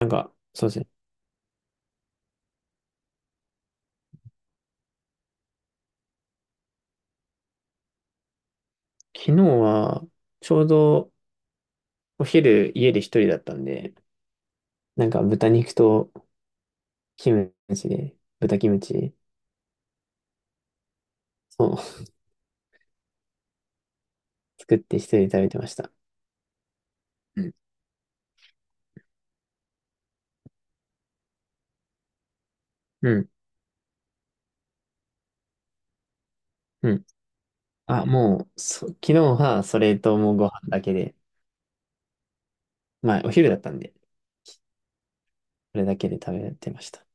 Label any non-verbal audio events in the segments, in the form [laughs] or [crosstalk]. なんか、そうですね。昨日は、ちょうどお昼家で一人だったんで、なんか豚肉とキムチで、豚キムチを [laughs] 作って一人で食べてました。うん。うん。うん。あ、もう、昨日はそれともうご飯だけで、まあお昼だったんで、それだけで食べてました。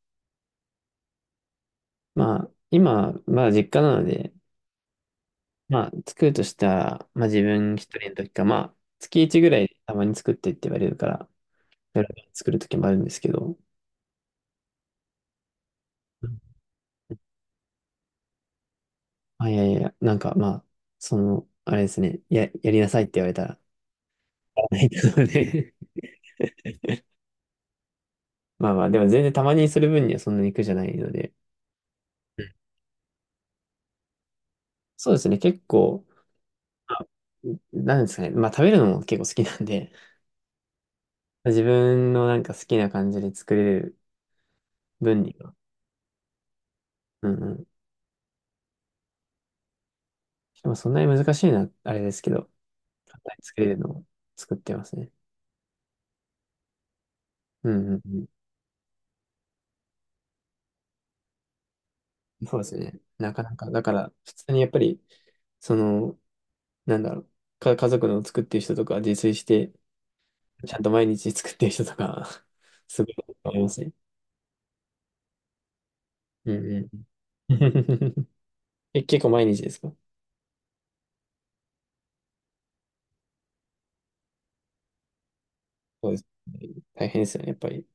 まあ、今、まあ実家なので、まあ作るとしたら、まあ自分一人の時か、まあ月一ぐらいたまに作ってって言われるから、夜作る時もあるんですけど、あ、いやいや、なんかまあ、その、あれですね、やりなさいって言われたら、やらないので [laughs] まあまあ、でも全然たまにする分にはそんなに苦じゃないので、うん。そうですね、結構、まあなんですかね、まあ食べるのも結構好きなんで、[laughs] 自分のなんか好きな感じで作れる分には、うんうん。でもそんなに難しいな、あれですけど、簡単に作れるのを作ってますね。うんうんうん。そうですね。なかなか、だから、普通にやっぱり、その、なんだろう、家族の作ってる人とか、自炊して、ちゃんと毎日作ってる人とか、[laughs] すごいと思いますね。うんうん。[laughs] え、結構毎日ですか？そうですね。大変ですよね、やっぱり。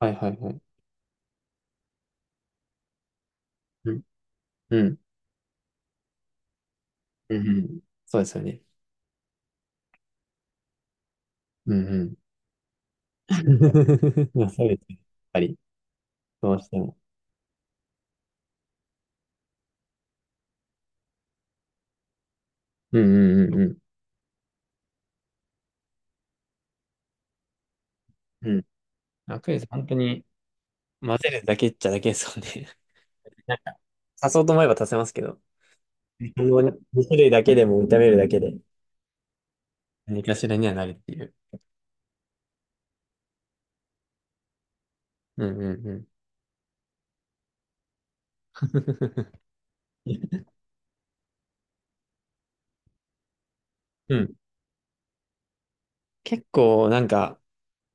はいはいはい。うん。うん。うんうん。そうですよね。うんうん。[laughs] まあそうですね。やっぱり、どうしても。うんうんうんうん。うん。楽です。本当に、混ぜるだけっちゃだけですもんね。[laughs] 足そうと思えば足せますけど、この2種類だけでも炒めるだけで、何かしらにはなるっていう。うんうんうん。[laughs] うん。結構なんか、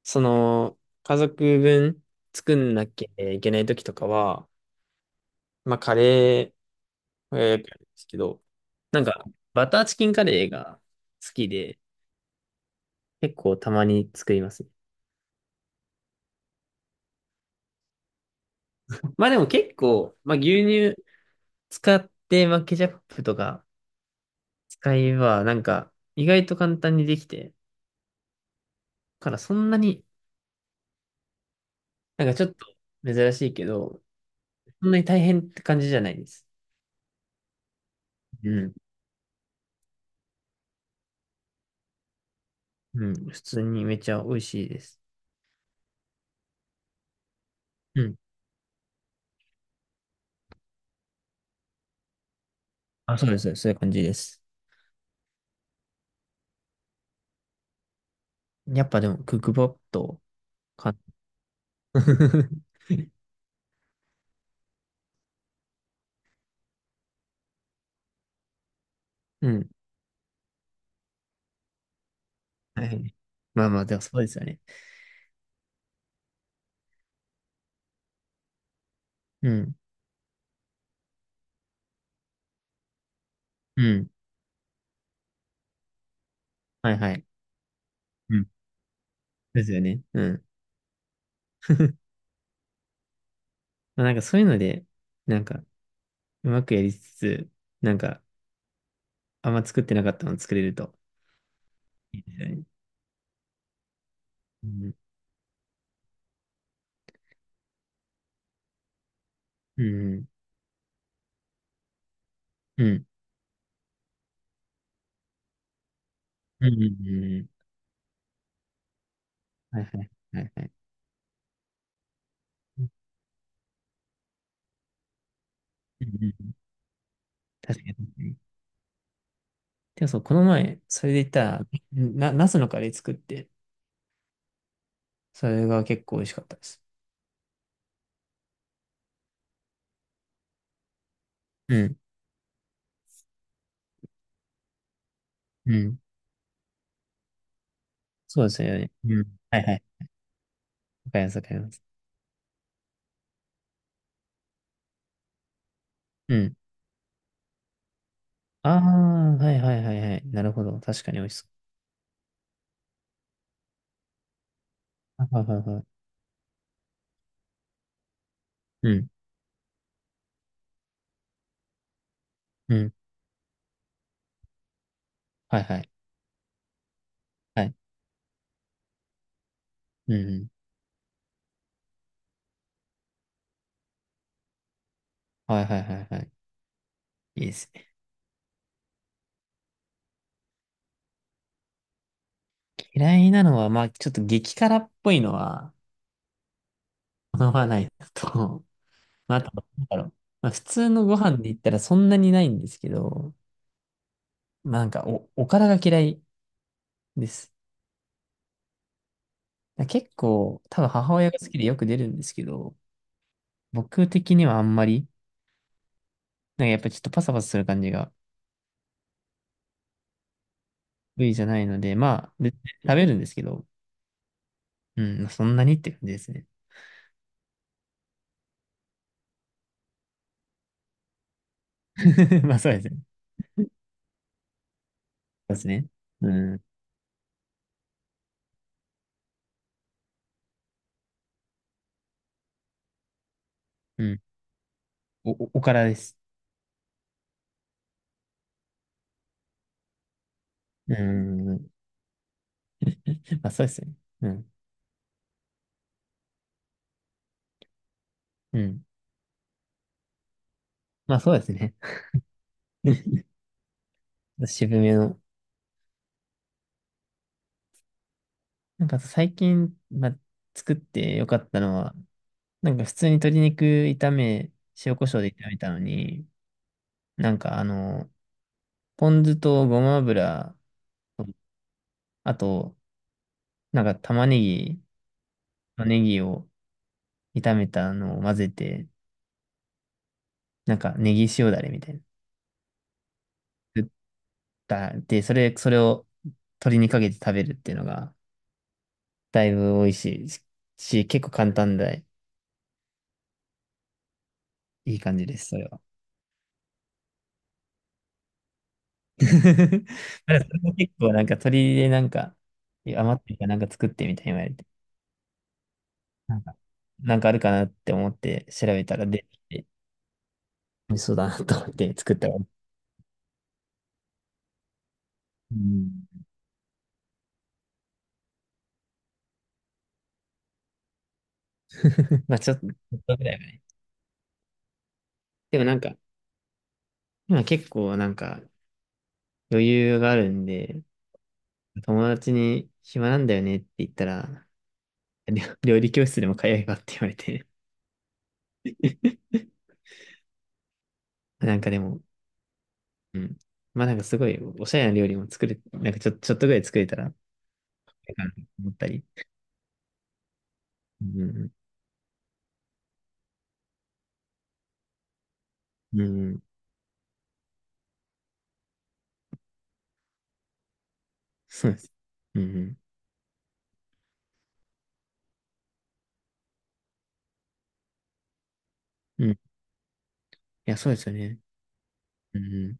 その、家族分作んなきゃいけない時とかは、まあカレーはよくやるんですけど、なんか、バターチキンカレーが好きで、結構たまに作りますね。まあでも結構、まあ牛乳使って、まあケチャップとか使えば、なんか意外と簡単にできて、だからそんなに、なんかちょっと珍しいけど、そんなに大変って感じじゃないです。うんうん。普通にめちゃ美味しいです。うん。あ、そうです。そういう感じです。やっぱでも、クックパッドか。[laughs] うん。はい。まあまあ、でもそうですよね。うん。うん。はいはい。うん。ですよね。うん。[laughs] まあなんかそういうので、なんか、うまくやりつつ、なんか、あんま作ってなかったの作れるといいですよね。うん。うん。うん。うん。うん。うんうん。はいはい。はいはい。うん。うんうん。確かに。でもそう、この前、それで言ったら、ナスのカレー作って、それが結構美味しかったです。うん。うん。そうですよね。うん。はいはい。わかります、わかります。うん。ああ、はいはいはいはい。なるほど。確かに美味しそう。はいはいはいはい。うん。うん。はいはい。はい。うん。うん。はいはいはいはい。いいですね。嫌いなのは、まあ、ちょっと激辛っぽいのは、好ままないのと、[laughs] まあ、あと、なんだろう。まあ、普通のご飯で言ったらそんなにないんですけど、まあ、なんかおからが嫌いです。結構、多分母親が好きでよく出るんですけど、僕的にはあんまり、なんかやっぱちょっとパサパサする感じが得意じゃないので、まあ、で食べるんですけど、うん、まあそんなにって感じですね。[laughs] まあそうですね。そうですね。うん、うん。おおからです。うん。[laughs] まあそうですね。うん、うん。まあそうですね。[laughs] 渋めの。なんか最近、まあ、作ってよかったのは、なんか普通に鶏肉炒め、塩コショウで炒めたのに、なんかあの、ポン酢とごま油、あと、なんか玉ねぎとネギを炒めたのを混ぜて、なんかネギ塩だれみたいな。作ったで、それを鶏にかけて食べるっていうのが、だいぶ美味しいし、結構簡単で、いい感じです、それは。[laughs] ただそれも結構なんか鶏でなんか、いや余ってるからなんか作ってみたいに言われて、なんか、なんか、あるかなって思って調べたら出てきて、美味しそうだなと思って作ったら。うん。 [laughs] まあちょっとぐらいはね。でもなんか、今結構なんか余裕があるんで、友達に暇なんだよねって言ったら、[laughs] 料理教室でも通えばって言われて [laughs] なんかでも、うん。まあなんかすごいおしゃれな料理も作れ、なんかちょっとぐらい作れたら、思ったり。うんうん、うんうん、そうです。うん、うん、うん。いや、そうですよね。うんうん。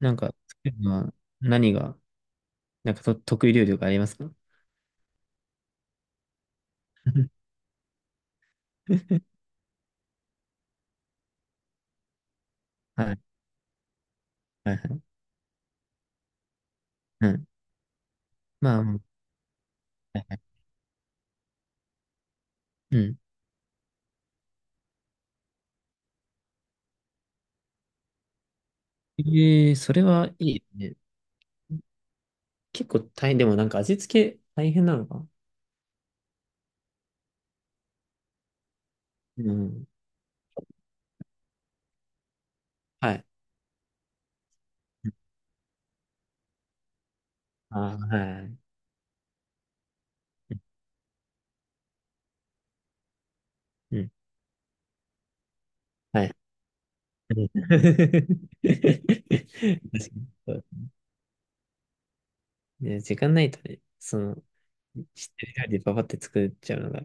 なんか、作るのは何が、なんかと得意料理とかありますか？ [laughs] はい、はい、はい。うん。まあ、はいはい。うん。ええ、それはいいね。結構大変、でもなんか味付け大変なのか？うん。はい。あー、はい。うん。はい。うん。 [laughs] 確かに。そうね、時間ないとね、その、知ってる料理でパパって作っちゃうのが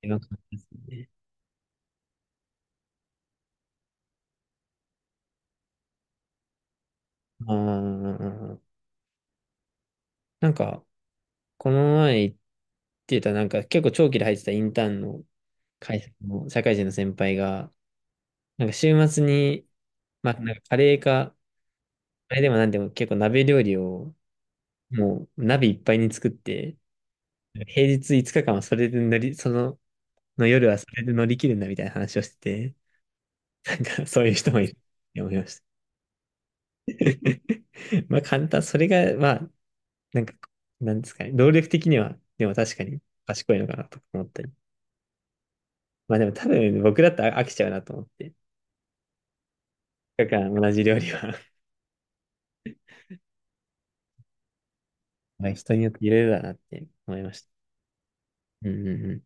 一番簡単ですよね。ああ、なんか、この前言ってた、なんか結構長期で入ってたインターンの会社の社会人の先輩が、なんか週末に、まあ、なんかカレーかあれでもなんでも結構鍋料理をもう鍋いっぱいに作って、平日5日間はそれで乗り、その、の夜はそれで乗り切るんだみたいな話をしてて、[laughs] なんかそういう人もいるって思いました。[laughs] まあ簡単、それがまあ、なんか、なんですかね、労力的には、でも確かに賢いのかなとか思ったり。まあでも多分僕だったら飽きちゃうなと思って、だから同じ料理は [laughs] まあ人によっていろいろだなって思いました。うんうんうん。